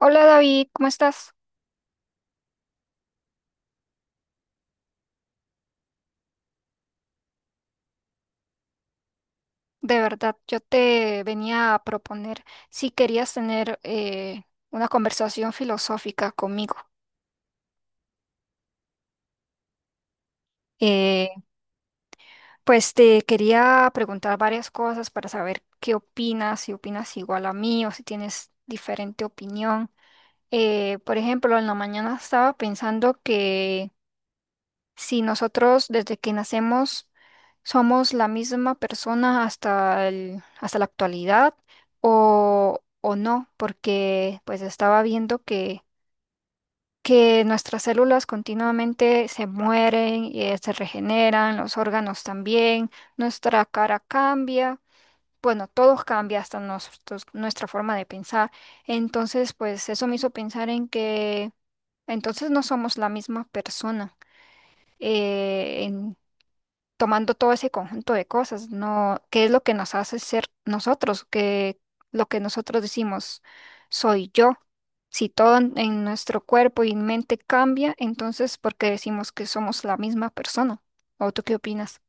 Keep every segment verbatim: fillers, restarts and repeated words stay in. Hola David, ¿cómo estás? De verdad, yo te venía a proponer si querías tener eh, una conversación filosófica conmigo. Eh, pues te quería preguntar varias cosas para saber qué opinas, si opinas igual a mí o si tienes diferente opinión. Eh, por ejemplo, en la mañana estaba pensando si nosotros desde que nacemos somos la misma persona hasta el- hasta la actualidad o, o no, porque pues estaba viendo que, que nuestras células continuamente se mueren y eh, se regeneran, los órganos también, nuestra cara cambia, bueno, todo cambia hasta nosotros, nuestra forma de pensar. Entonces, pues eso me hizo pensar en que entonces no somos la misma persona tomando todo ese conjunto de cosas, ¿no? ¿Qué es lo que nos hace ser nosotros? ¿Qué lo que nosotros decimos soy yo? Si todo en en nuestro cuerpo y mente cambia, entonces ¿por qué decimos que somos la misma persona? ¿O tú qué opinas?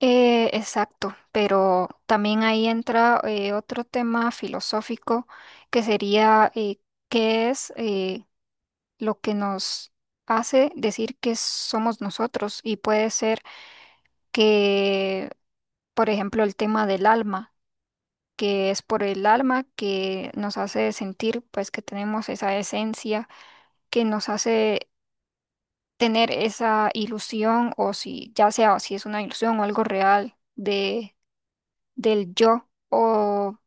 Eh, exacto, pero también ahí entra eh, otro tema filosófico que sería eh, qué es eh, lo que nos hace decir que somos nosotros, y puede ser que, por ejemplo, el tema del alma, que es por el alma que nos hace sentir pues que tenemos esa esencia, que nos hace tener esa ilusión, o si ya sea si es una ilusión o algo real de del yo o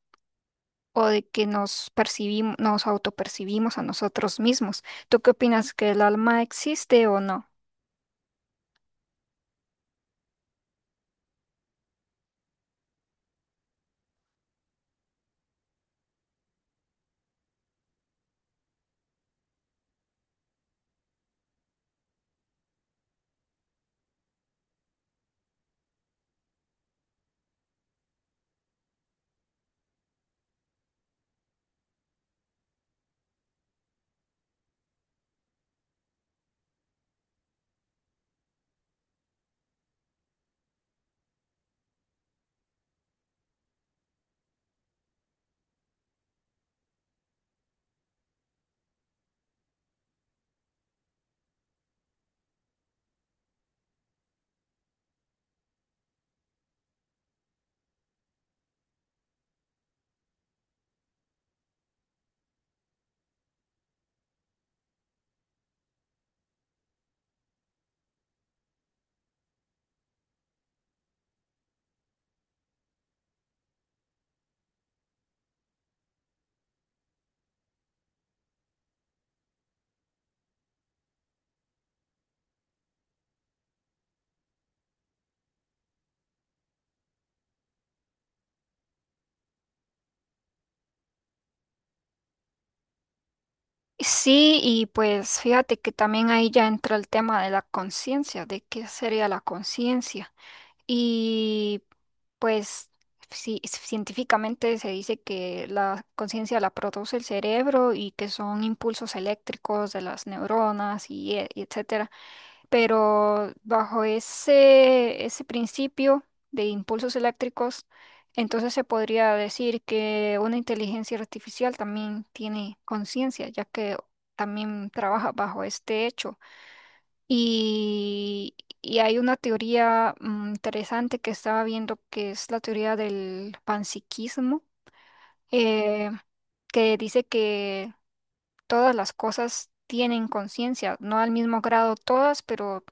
o de que nos percibimos, nos autopercibimos a nosotros mismos. ¿Tú qué opinas, que el alma existe o no? Sí, y pues fíjate que también ahí ya entra el tema de la conciencia, de qué sería la conciencia. Y pues sí, es- científicamente se dice que la conciencia la produce el cerebro y que son impulsos eléctricos de las neuronas y, e- y etcétera. Pero bajo ese, ese principio de impulsos eléctricos, entonces se podría decir que una inteligencia artificial también tiene conciencia, ya que también trabaja bajo este hecho. Y, y hay una teoría mm, interesante que estaba viendo, que es la teoría del panpsiquismo, eh, que dice que todas las cosas tienen conciencia, no al mismo grado todas, pero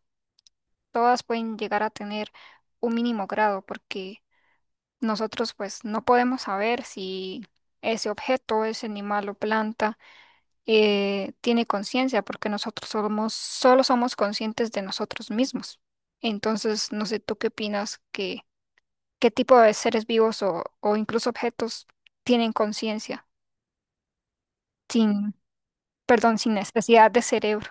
todas pueden llegar a tener un mínimo grado, porque nosotros pues no podemos saber si ese objeto es animal o planta, eh, tiene conciencia, porque nosotros somos, solo somos conscientes de nosotros mismos. Entonces, no sé, ¿tú qué opinas? ¿Qué, qué tipo de seres vivos o, o incluso objetos tienen conciencia, sin, perdón, sin necesidad de cerebro?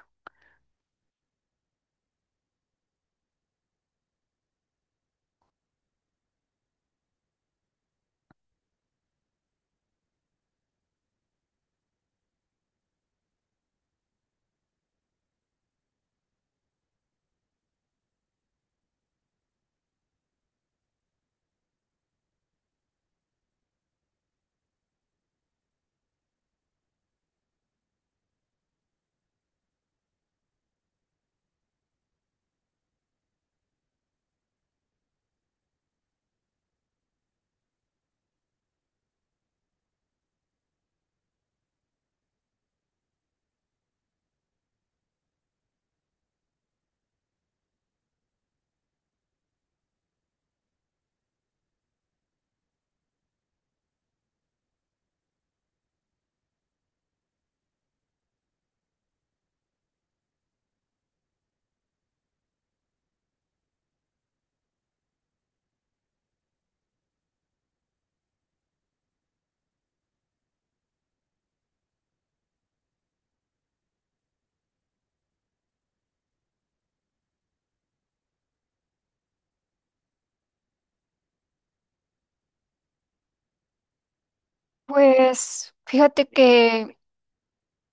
Pues fíjate que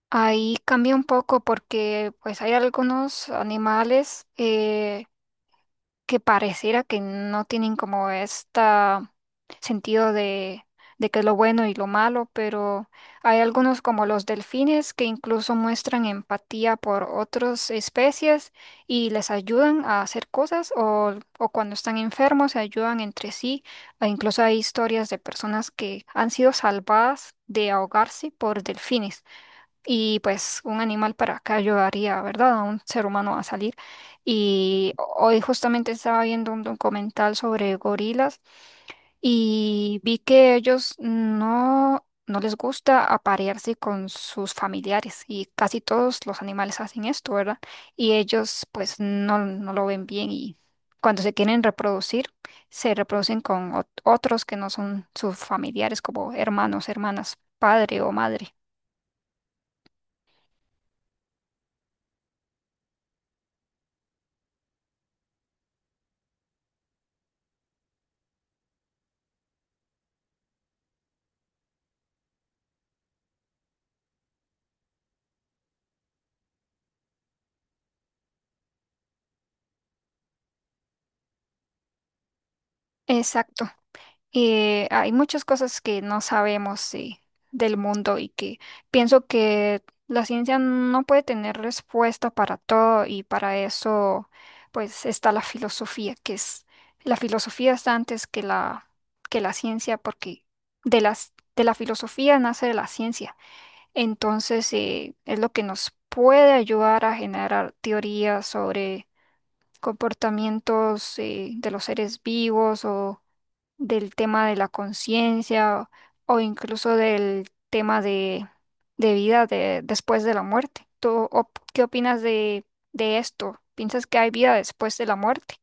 ahí cambia un poco, porque pues hay algunos animales, eh, que pareciera que no tienen como este sentido de, de que es lo bueno y lo malo, pero hay algunos como los delfines que incluso muestran empatía por otras especies y les ayudan a hacer cosas o, o cuando están enfermos se ayudan entre sí. E incluso hay historias de personas que han sido salvadas de ahogarse por delfines. Y pues un animal para acá ayudaría, ¿verdad? A un ser humano a salir. Y hoy justamente estaba viendo un documental sobre gorilas, y vi que ellos no, no les gusta aparearse con sus familiares, y casi todos los animales hacen esto, ¿verdad? Y ellos pues no, no lo ven bien, y cuando se quieren reproducir, se reproducen con ot- otros que no son sus familiares, como hermanos, hermanas, padre o madre. Exacto. Y hay muchas cosas que no sabemos, eh, del mundo, y que pienso que la ciencia no puede tener respuesta para todo, y para eso pues está la filosofía, que es la filosofía está antes que la que la ciencia, porque de las de la filosofía nace la ciencia. Entonces, eh, es lo que nos puede ayudar a generar teorías sobre comportamientos eh, de los seres vivos, o del tema de la conciencia, o incluso del tema de, de vida de, después de la muerte. ¿Tú op- qué opinas de, de esto? ¿Piensas que hay vida después de la muerte?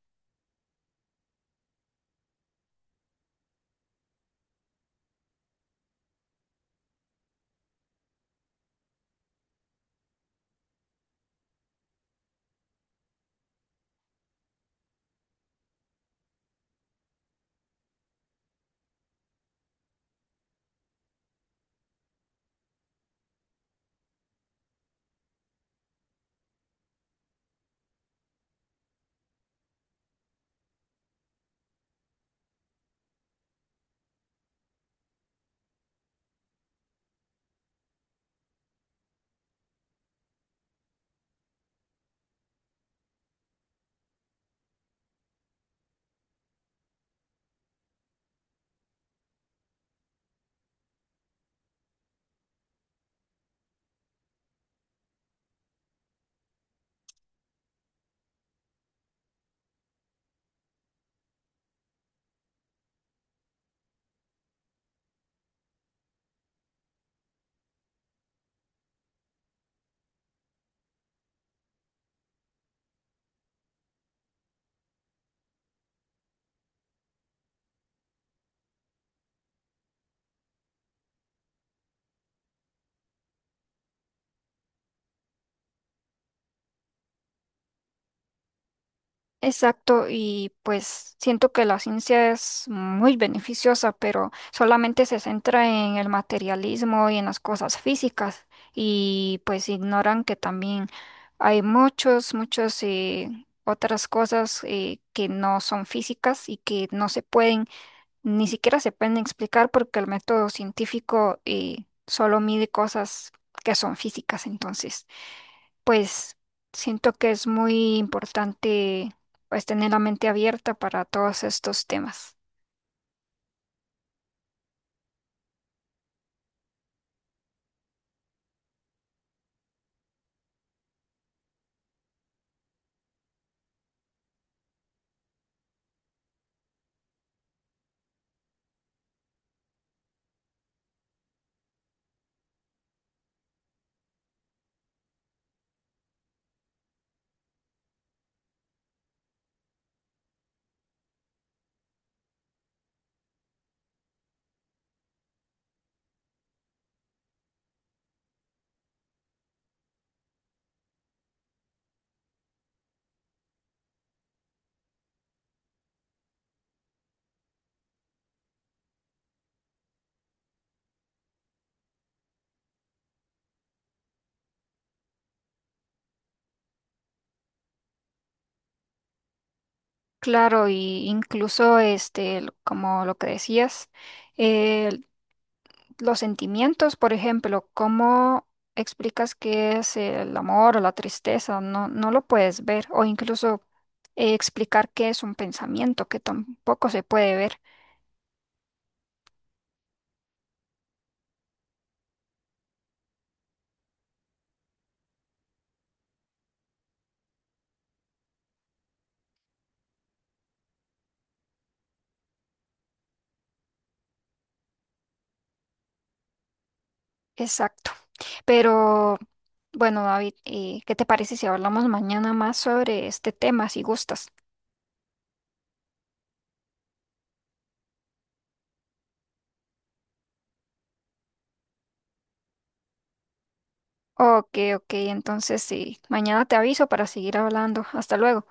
Exacto, y pues siento que la ciencia es muy beneficiosa, pero solamente se centra en el materialismo y en las cosas físicas, y pues ignoran que también hay muchos, muchos, eh, otras cosas, eh, que no son físicas y que no se pueden, ni siquiera se pueden explicar porque el método científico, eh, solo mide cosas que son físicas, entonces pues siento que es muy importante pues tener la mente abierta para todos estos temas. Claro, y incluso este, el- como lo que decías, eh, los sentimientos, por ejemplo, ¿cómo explicas qué es el amor o la tristeza? No, no lo puedes ver, o incluso eh, explicar qué es un pensamiento, que tampoco se puede ver. Exacto. Pero bueno, David, eh, ¿qué te parece si hablamos mañana más sobre este tema, si gustas? Ok, ok, entonces sí, mañana te aviso para seguir hablando. Hasta luego.